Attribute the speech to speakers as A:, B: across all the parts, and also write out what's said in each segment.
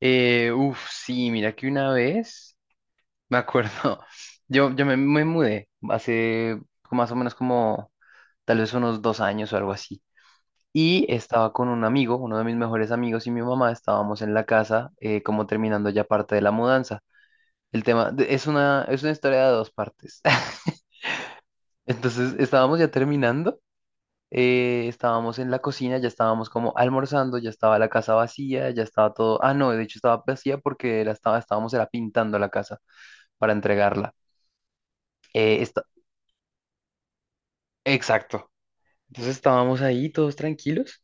A: Sí, mira que una vez, me acuerdo, me mudé hace más o menos como tal vez unos dos años o algo así. Y estaba con un amigo, uno de mis mejores amigos y mi mamá, estábamos en la casa como terminando ya parte de la mudanza. Es es una historia de dos partes. Entonces estábamos ya terminando, estábamos en la cocina, ya estábamos como almorzando, ya estaba la casa vacía, ya estaba todo, ah no, de hecho estaba vacía porque estábamos era pintando la casa para entregarla. Eh, esta- exacto. Entonces estábamos ahí todos tranquilos,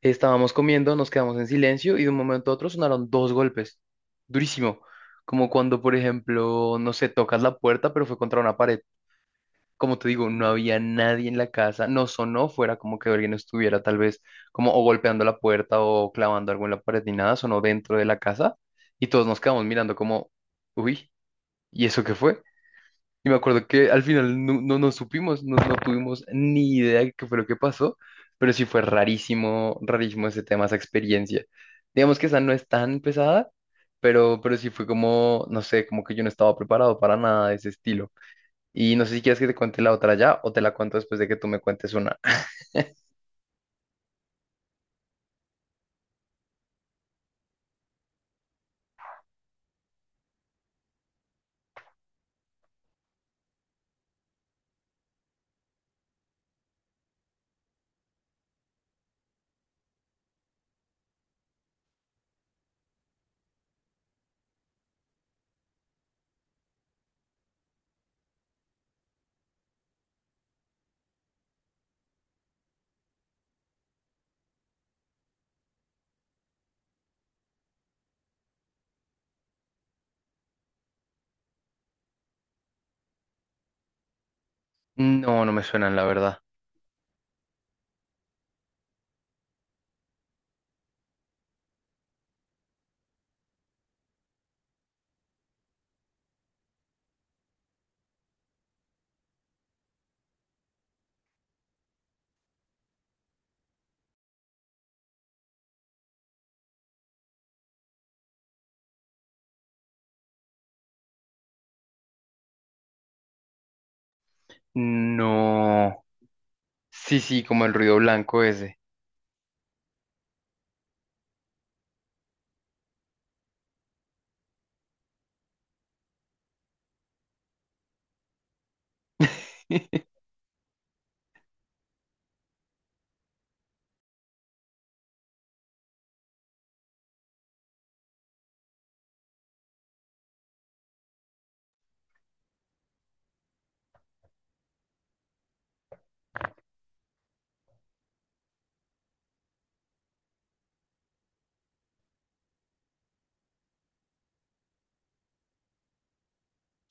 A: estábamos comiendo, nos quedamos en silencio y de un momento a otro sonaron dos golpes. Durísimo. Como cuando, por ejemplo, no sé, tocas la puerta, pero fue contra una pared. Como te digo, no había nadie en la casa, no sonó fuera como que alguien estuviera tal vez como o golpeando la puerta o clavando algo en la pared ni nada, sonó dentro de la casa y todos nos quedamos mirando como, uy, ¿y eso qué fue? Y me acuerdo que al final no supimos, no tuvimos ni idea de qué fue lo que pasó, pero sí fue rarísimo, rarísimo ese tema, esa experiencia. Digamos que esa no es tan pesada, pero sí fue como, no sé, como que yo no estaba preparado para nada de ese estilo. Y no sé si quieres que te cuente la otra ya o te la cuento después de que tú me cuentes una. No, no me suenan, la verdad. No. Sí, sí, como el ruido blanco ese.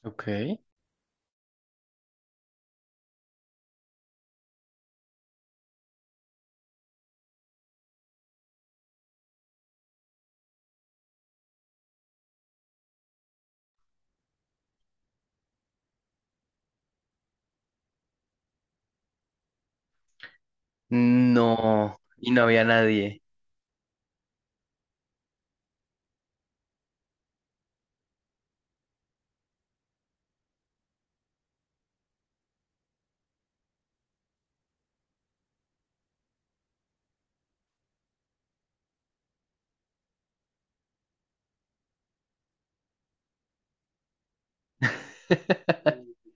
A: Ok. No, y no había nadie.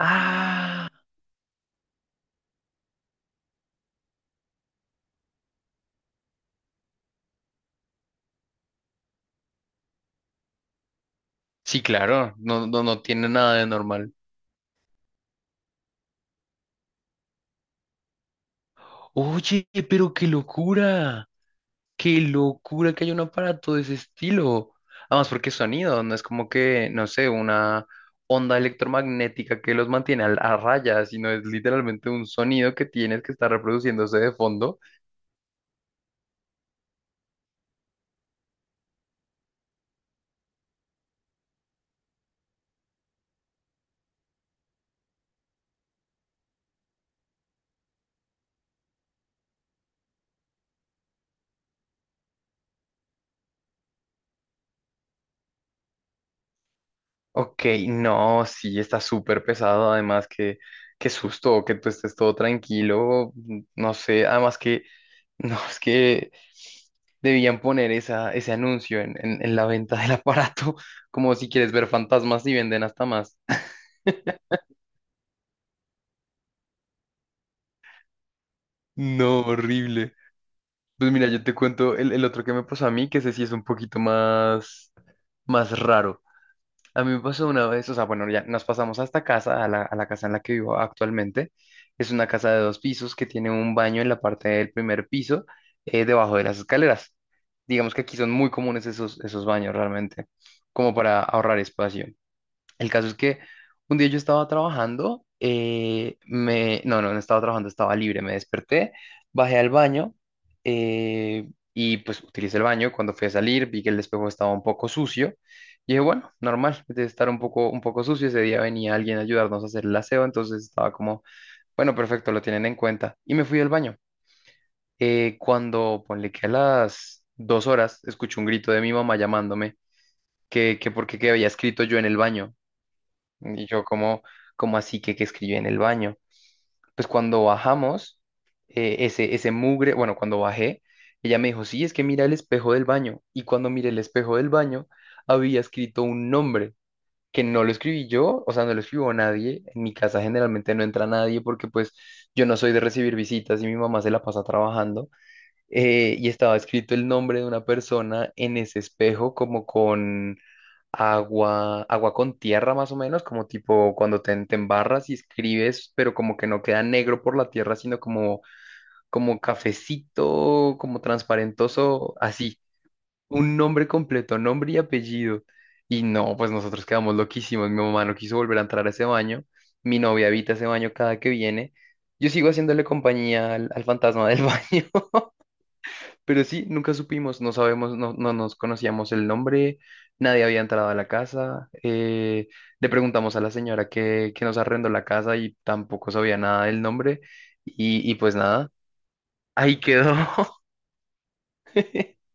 A: Ah, sí, claro, no tiene nada de normal. Oye, pero qué locura que haya un aparato de ese estilo. Además, porque es sonido, no es como que, no sé, una onda electromagnética que los mantiene a raya, sino es literalmente un sonido que tienes que estar reproduciéndose de fondo. Ok, no, sí, está súper pesado, además que qué susto que tú estés todo tranquilo, no sé, además que, no, es que debían poner esa, ese anuncio en la venta del aparato, como si quieres ver fantasmas y venden hasta más. No, horrible. Pues mira, yo te cuento el otro que me pasó a mí, que ese sí es un poquito más, más raro. A mí me pasó una vez, o sea, bueno, ya nos pasamos a esta casa, a la casa en la que vivo actualmente. Es una casa de dos pisos que tiene un baño en la parte del primer piso, debajo de las escaleras. Digamos que aquí son muy comunes esos, esos baños realmente, como para ahorrar espacio. El caso es que un día yo estaba trabajando, me, no, no, no estaba trabajando, estaba libre, me desperté, bajé al baño y pues utilicé el baño. Cuando fui a salir vi que el espejo estaba un poco sucio y dije, bueno, normal, debe estar un poco sucio. Ese día venía alguien a ayudarnos a hacer el aseo, entonces estaba como, bueno, perfecto, lo tienen en cuenta. Y me fui al baño. Cuando, ponle que a las dos horas, escuché un grito de mi mamá llamándome que porque qué había escrito yo en el baño. Y yo como, como así que escribí en el baño. Pues cuando bajamos, bueno, cuando bajé, ella me dijo, sí, es que mira el espejo del baño. Y cuando miré el espejo del baño, había escrito un nombre que no lo escribí yo, o sea, no lo escribió nadie. En mi casa generalmente no entra nadie porque pues yo no soy de recibir visitas y mi mamá se la pasa trabajando. Y estaba escrito el nombre de una persona en ese espejo como con agua, agua con tierra más o menos, como tipo cuando te embarras y escribes, pero como que no queda negro por la tierra, sino como, como cafecito, como transparentoso, así, un nombre completo, nombre y apellido. Y no, pues nosotros quedamos loquísimos, mi mamá no quiso volver a entrar a ese baño, mi novia habita ese baño cada que viene, yo sigo haciéndole compañía al fantasma del baño. Pero sí, nunca supimos, no sabemos, no nos conocíamos el nombre, nadie había entrado a la casa. Le preguntamos a la señora que nos arrendó la casa y tampoco sabía nada del nombre. Y pues nada, ahí quedó.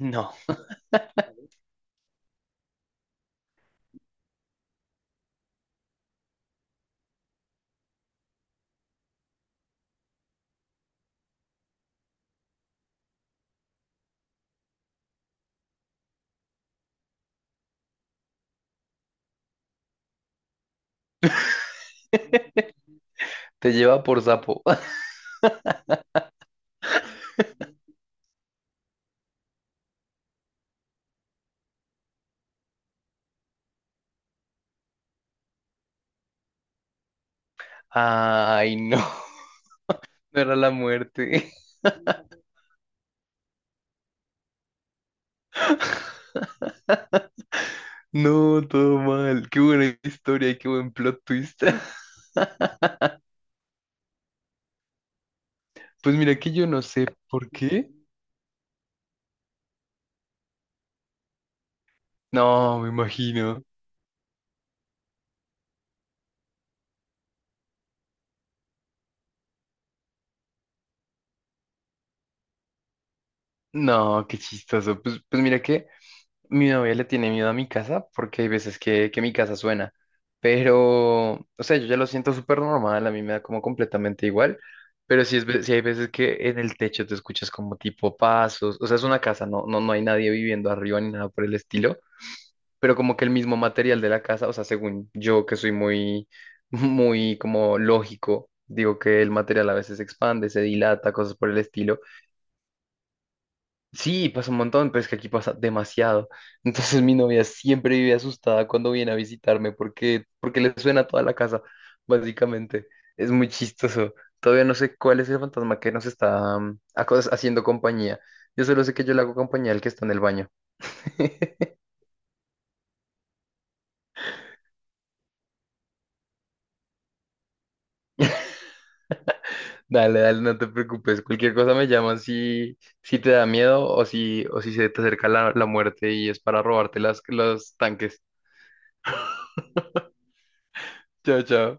A: No, te lleva por sapo. Ay, no, no era la muerte. No, todo mal. Qué buena historia y qué buen plot twist. Pues mira que yo no sé por qué. No, me imagino. No, qué chistoso. Pues, pues mira que mi novia le tiene miedo a mi casa porque hay veces que mi casa suena. Pero, o sea, yo ya lo siento súper normal, a mí me da como completamente igual. Pero sí, sí hay veces que en el techo te escuchas como tipo pasos. O sea, es una casa, no hay nadie viviendo arriba ni nada por el estilo. Pero como que el mismo material de la casa, o sea, según yo que soy muy, muy como lógico, digo que el material a veces se expande, se dilata, cosas por el estilo. Sí, pasa un montón, pero es que aquí pasa demasiado. Entonces mi novia siempre vive asustada cuando viene a visitarme porque, porque le suena toda la casa, básicamente. Es muy chistoso. Todavía no sé cuál es el fantasma que nos está haciendo compañía. Yo solo sé que yo le hago compañía al que está en el baño. Dale, dale, no te preocupes. Cualquier cosa me llamas si, si te da miedo o si se te acerca la, la muerte y es para robarte las, los tanques. Chao, chao.